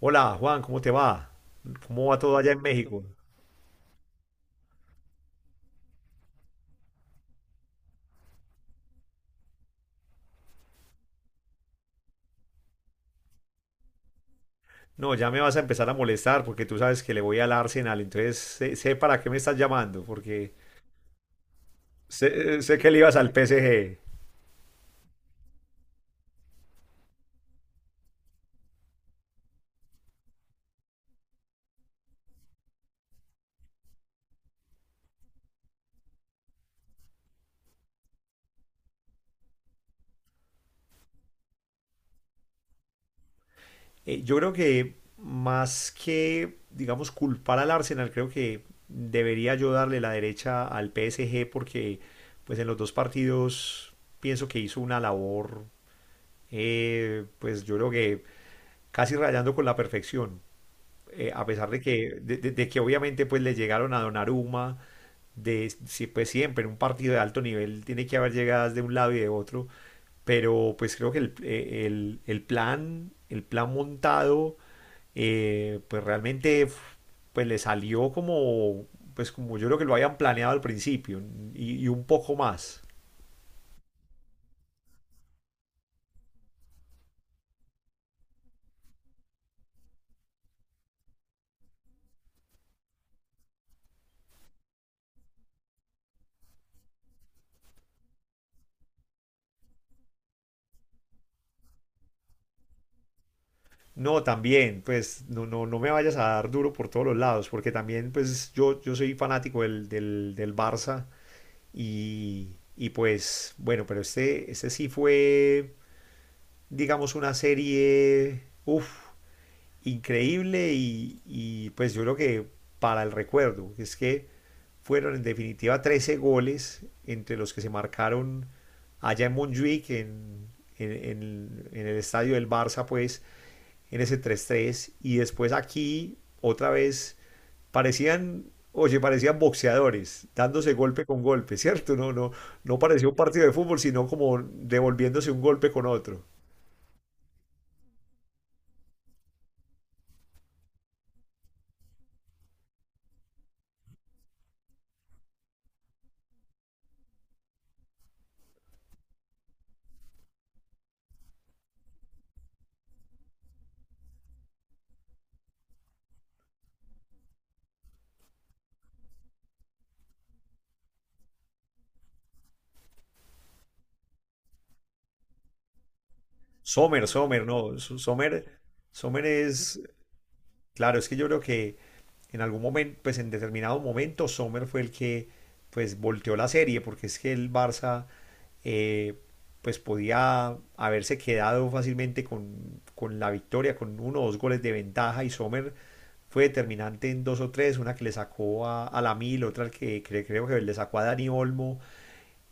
Hola Juan, ¿cómo te va? ¿Cómo va todo allá en México? No, ya me vas a empezar a molestar porque tú sabes que le voy al Arsenal, entonces sé para qué me estás llamando, porque sé que le ibas al PSG. Yo creo que más que, digamos, culpar al Arsenal, creo que debería yo darle la derecha al PSG porque, pues, en los dos partidos pienso que hizo una labor, pues, yo creo que casi rayando con la perfección. A pesar de que, de que obviamente pues le llegaron a Donnarumma, de, si- pues siempre en un partido de alto nivel tiene que haber llegadas de un lado y de otro, pero pues creo que el plan, el plan montado, eh, pues realmente f- pues le salió como, pues como yo creo que lo habían planeado al principio y un poco más. No, también, pues no, no, no me vayas a dar duro por todos los lados, porque también pues yo soy fanático del Barça. Y pues, bueno, pero este sí fue, digamos, una serie, uff, increíble y pues yo creo que para el recuerdo, es que fueron en definitiva 13 goles entre los que se marcaron allá en Montjuic, en el estadio del Barça, pues, en ese 3-3. Y después aquí, otra vez, oye, parecían boxeadores, dándose golpe con golpe, ¿cierto? No, no, no parecía un partido de fútbol, sino como devolviéndose un golpe con otro. Sommer, Sommer, no, Sommer, Sommer es, claro, es que yo creo que en algún momento, pues en determinado momento, Sommer fue el que pues volteó la serie, porque es que el Barça eh, pues podía haberse quedado fácilmente con la victoria, con uno o dos goles de ventaja, y Sommer fue determinante en dos o tres, una que le sacó a la Mil, otra que creo que le sacó a Dani Olmo,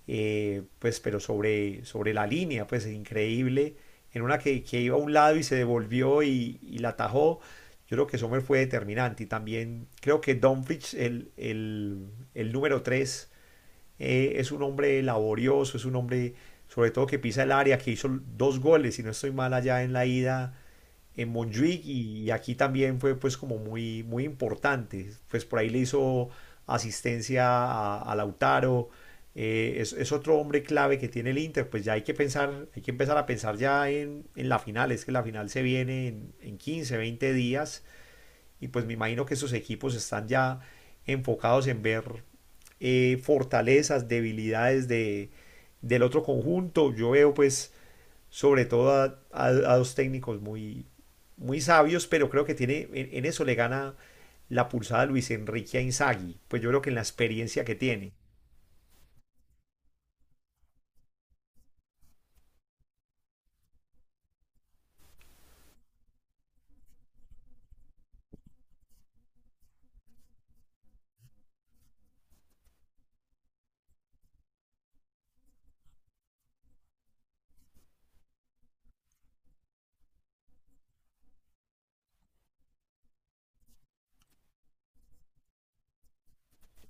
pues, pero sobre la línea, pues increíble, en una que iba a un lado y se devolvió y la atajó. Yo creo que Sommer fue determinante, y también creo que Dumfries, el número tres, es un hombre laborioso, es un hombre sobre todo que pisa el área, que hizo dos goles, si no estoy mal, allá en la ida en Montjuic, y aquí también fue pues como muy, muy importante. Pues por ahí le hizo asistencia a Lautaro. Otro hombre clave que tiene el Inter. Pues ya hay que pensar, hay que empezar a pensar ya en la final, es que la final se viene en 15, 20 días, y pues me imagino que esos equipos están ya enfocados en ver fortalezas, debilidades del otro conjunto. Yo veo pues sobre todo a dos técnicos muy, muy sabios, pero creo que tiene, en eso le gana la pulsada Luis Enrique a Inzaghi, pues yo creo que en la experiencia que tiene.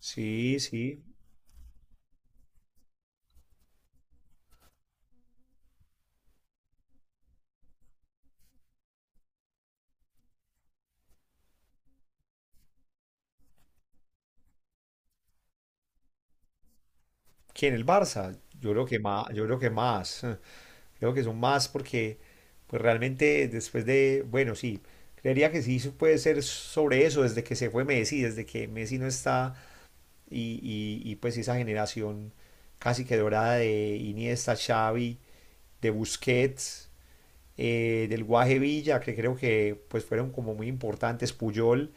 Sí, sí. ¿Quién, el Barça? Yo creo que más, yo creo que más, creo que son más porque pues realmente después de, bueno, sí, creería que sí se puede ser sobre eso desde que se fue Messi, desde que Messi no está pues esa generación casi que dorada de Iniesta, Xavi, de Busquets, del Guaje Villa, que creo que pues fueron como muy importantes, Puyol,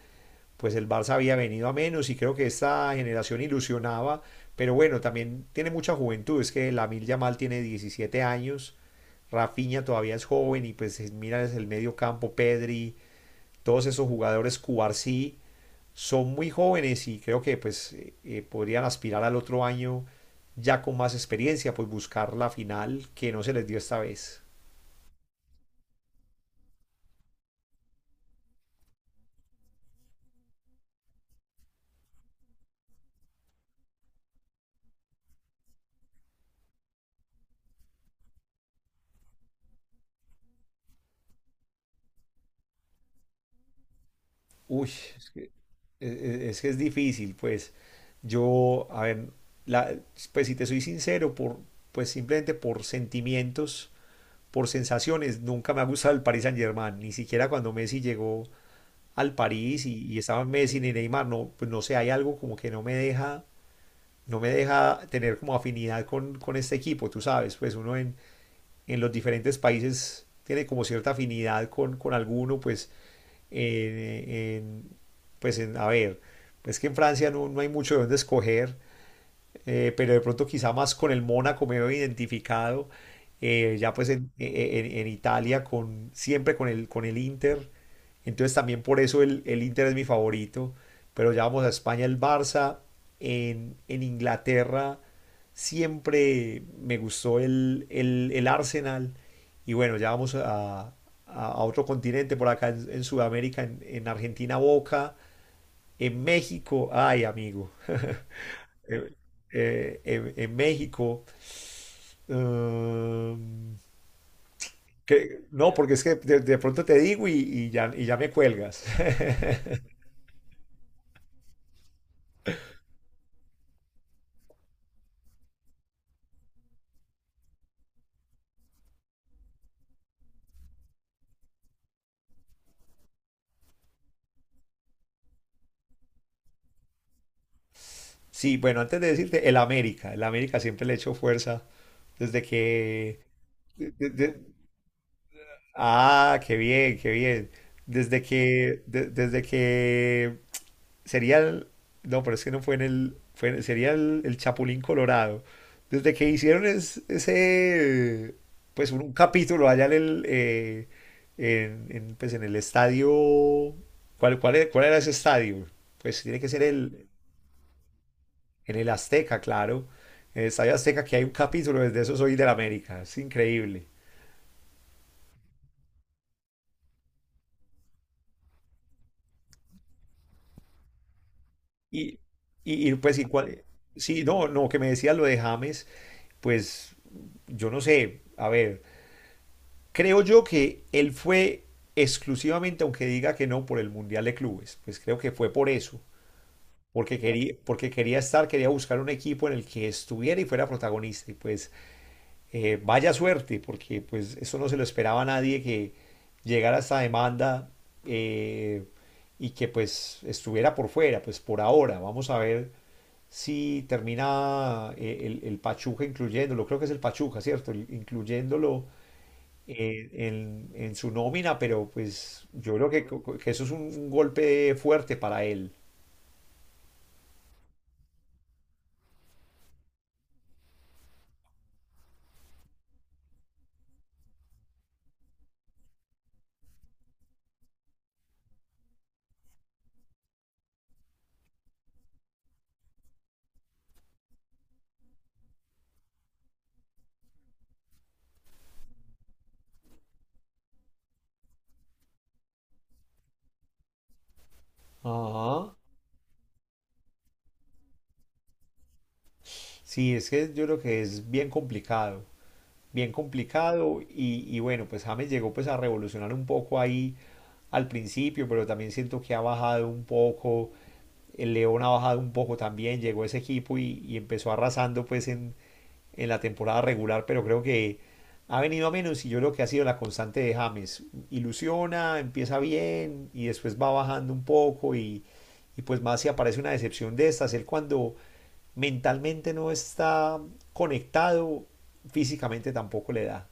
pues el Barça había venido a menos y creo que esta generación ilusionaba, pero bueno, también tiene mucha juventud, es que Lamil Yamal tiene 17 años, Rafinha todavía es joven y pues mira es el medio campo, Pedri, todos esos jugadores Cubarsí son muy jóvenes y creo que pues podrían aspirar al otro año ya con más experiencia, pues buscar la final que no se les dio esta vez. Uy, es que es difícil, pues yo, a ver, la- pues si te soy sincero, por, pues simplemente por sentimientos, por sensaciones, nunca me ha gustado el Paris Saint-Germain, ni siquiera cuando Messi llegó al París y estaba Messi ni Neymar, no, pues no sé, hay algo como que no me deja, no me deja tener como afinidad con este equipo, tú sabes, pues uno en los diferentes países tiene como cierta afinidad con alguno, pues, en, en- a ver, pues que en Francia no, no hay mucho de dónde escoger. Pero de pronto quizá más con el Mónaco me veo identificado. Ya pues en, e, e, en Italia siempre con el Inter, entonces también por eso el Inter es mi favorito, pero ya vamos a España el Barça, en Inglaterra siempre me gustó el Arsenal. Y bueno, ya vamos a otro continente por acá en Sudamérica, en Argentina Boca, en México, ay amigo. en, en México. mm, que, no, porque es que de pronto te digo y ya me cuelgas. Sí, bueno, antes de decirte, el América. El América siempre le he hecho fuerza desde que. De- de- de- ah, qué bien, qué bien. Desde que, desde que sería el, no, pero es que no fue en el, sería el Chapulín Colorado. Desde que hicieron ese, pues un capítulo allá en el, pues en el estadio. ¿Cuál, cuál era ese estadio? Pues tiene que ser el, en el Azteca, claro. En el estadio Azteca que hay un capítulo, desde eso soy del América, es increíble. Y, y, y, pues, y cuál- sí, no, no, que me decías lo de James, pues yo no sé, a ver. Creo yo que él fue exclusivamente, aunque diga que no, por el Mundial de Clubes. Pues creo que fue por eso, porque quería estar, quería buscar un equipo en el que estuviera y fuera protagonista. Y pues vaya suerte, porque pues eso no se lo esperaba a nadie, que llegara esta demanda eh, y que pues estuviera por fuera. Pues por ahora, vamos a ver si termina el Pachuca incluyéndolo. Creo que es el Pachuca, ¿cierto? Incluyéndolo en su nómina, pero pues yo creo que, que eso es un golpe fuerte para él. Ajá. Sí, es que yo creo que es bien complicado. Bien complicado y bueno, pues James llegó pues a revolucionar un poco ahí al principio, pero también siento que ha bajado un poco, el León ha bajado un poco también, llegó ese equipo y empezó arrasando pues en la temporada regular, pero creo que ha venido a menos y yo creo que ha sido la constante de James. Ilusiona, empieza bien y después va bajando un poco, y pues más si aparece una decepción de estas, él cuando mentalmente no está conectado, físicamente tampoco le da.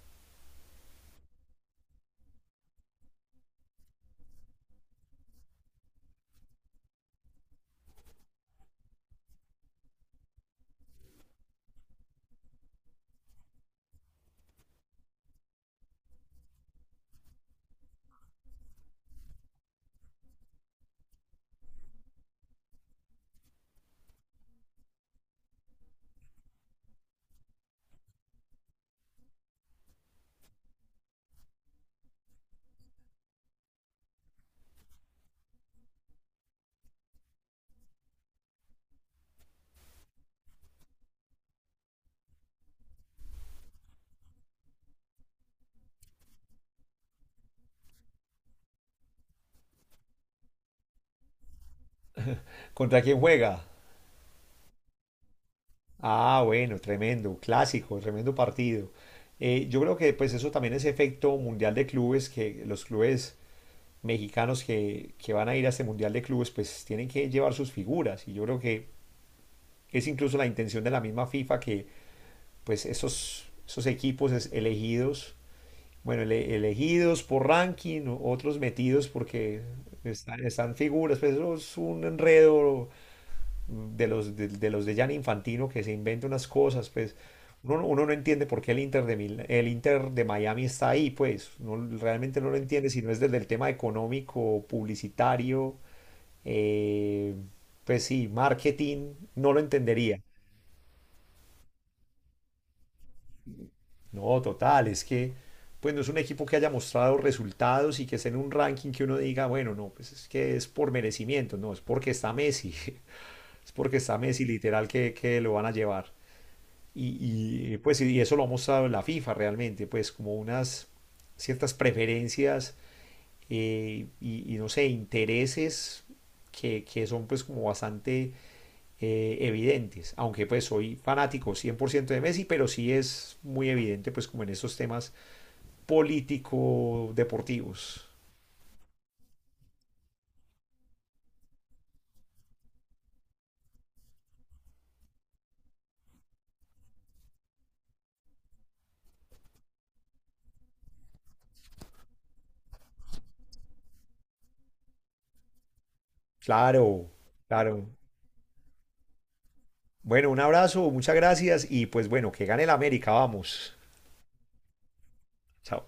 ¿Contra quién juega? Ah, bueno, tremendo, clásico, tremendo partido. Yo creo que pues eso también es efecto mundial de clubes, que los clubes mexicanos que van a ir a este mundial de clubes pues tienen que llevar sus figuras, y yo creo que es incluso la intención de la misma FIFA, que pues esos equipos elegidos. Bueno, elegidos por ranking, otros metidos porque están figuras. Pues eso es un enredo de los de Gianni Infantino, que se inventa unas cosas. Pues uno, no, uno no entiende por qué el Inter de Miami está ahí, pues no, realmente no lo entiende si no es desde el tema económico, publicitario, eh, pues sí, marketing, no lo entendería. No, total, es que pues no es un equipo que haya mostrado resultados y que esté en un ranking, que uno diga, bueno, no, pues es que es por merecimiento, no, es porque está Messi, es porque está Messi, literal que lo van a llevar. Pues y eso lo ha mostrado la FIFA realmente, pues como unas ciertas preferencias, no sé, intereses que son pues como bastante evidentes, aunque pues soy fanático 100% de Messi, pero sí es muy evidente pues como en estos temas político-deportivos. Claro, claro. Bueno, un abrazo, muchas gracias y pues bueno, que gane el América, vamos. Chao.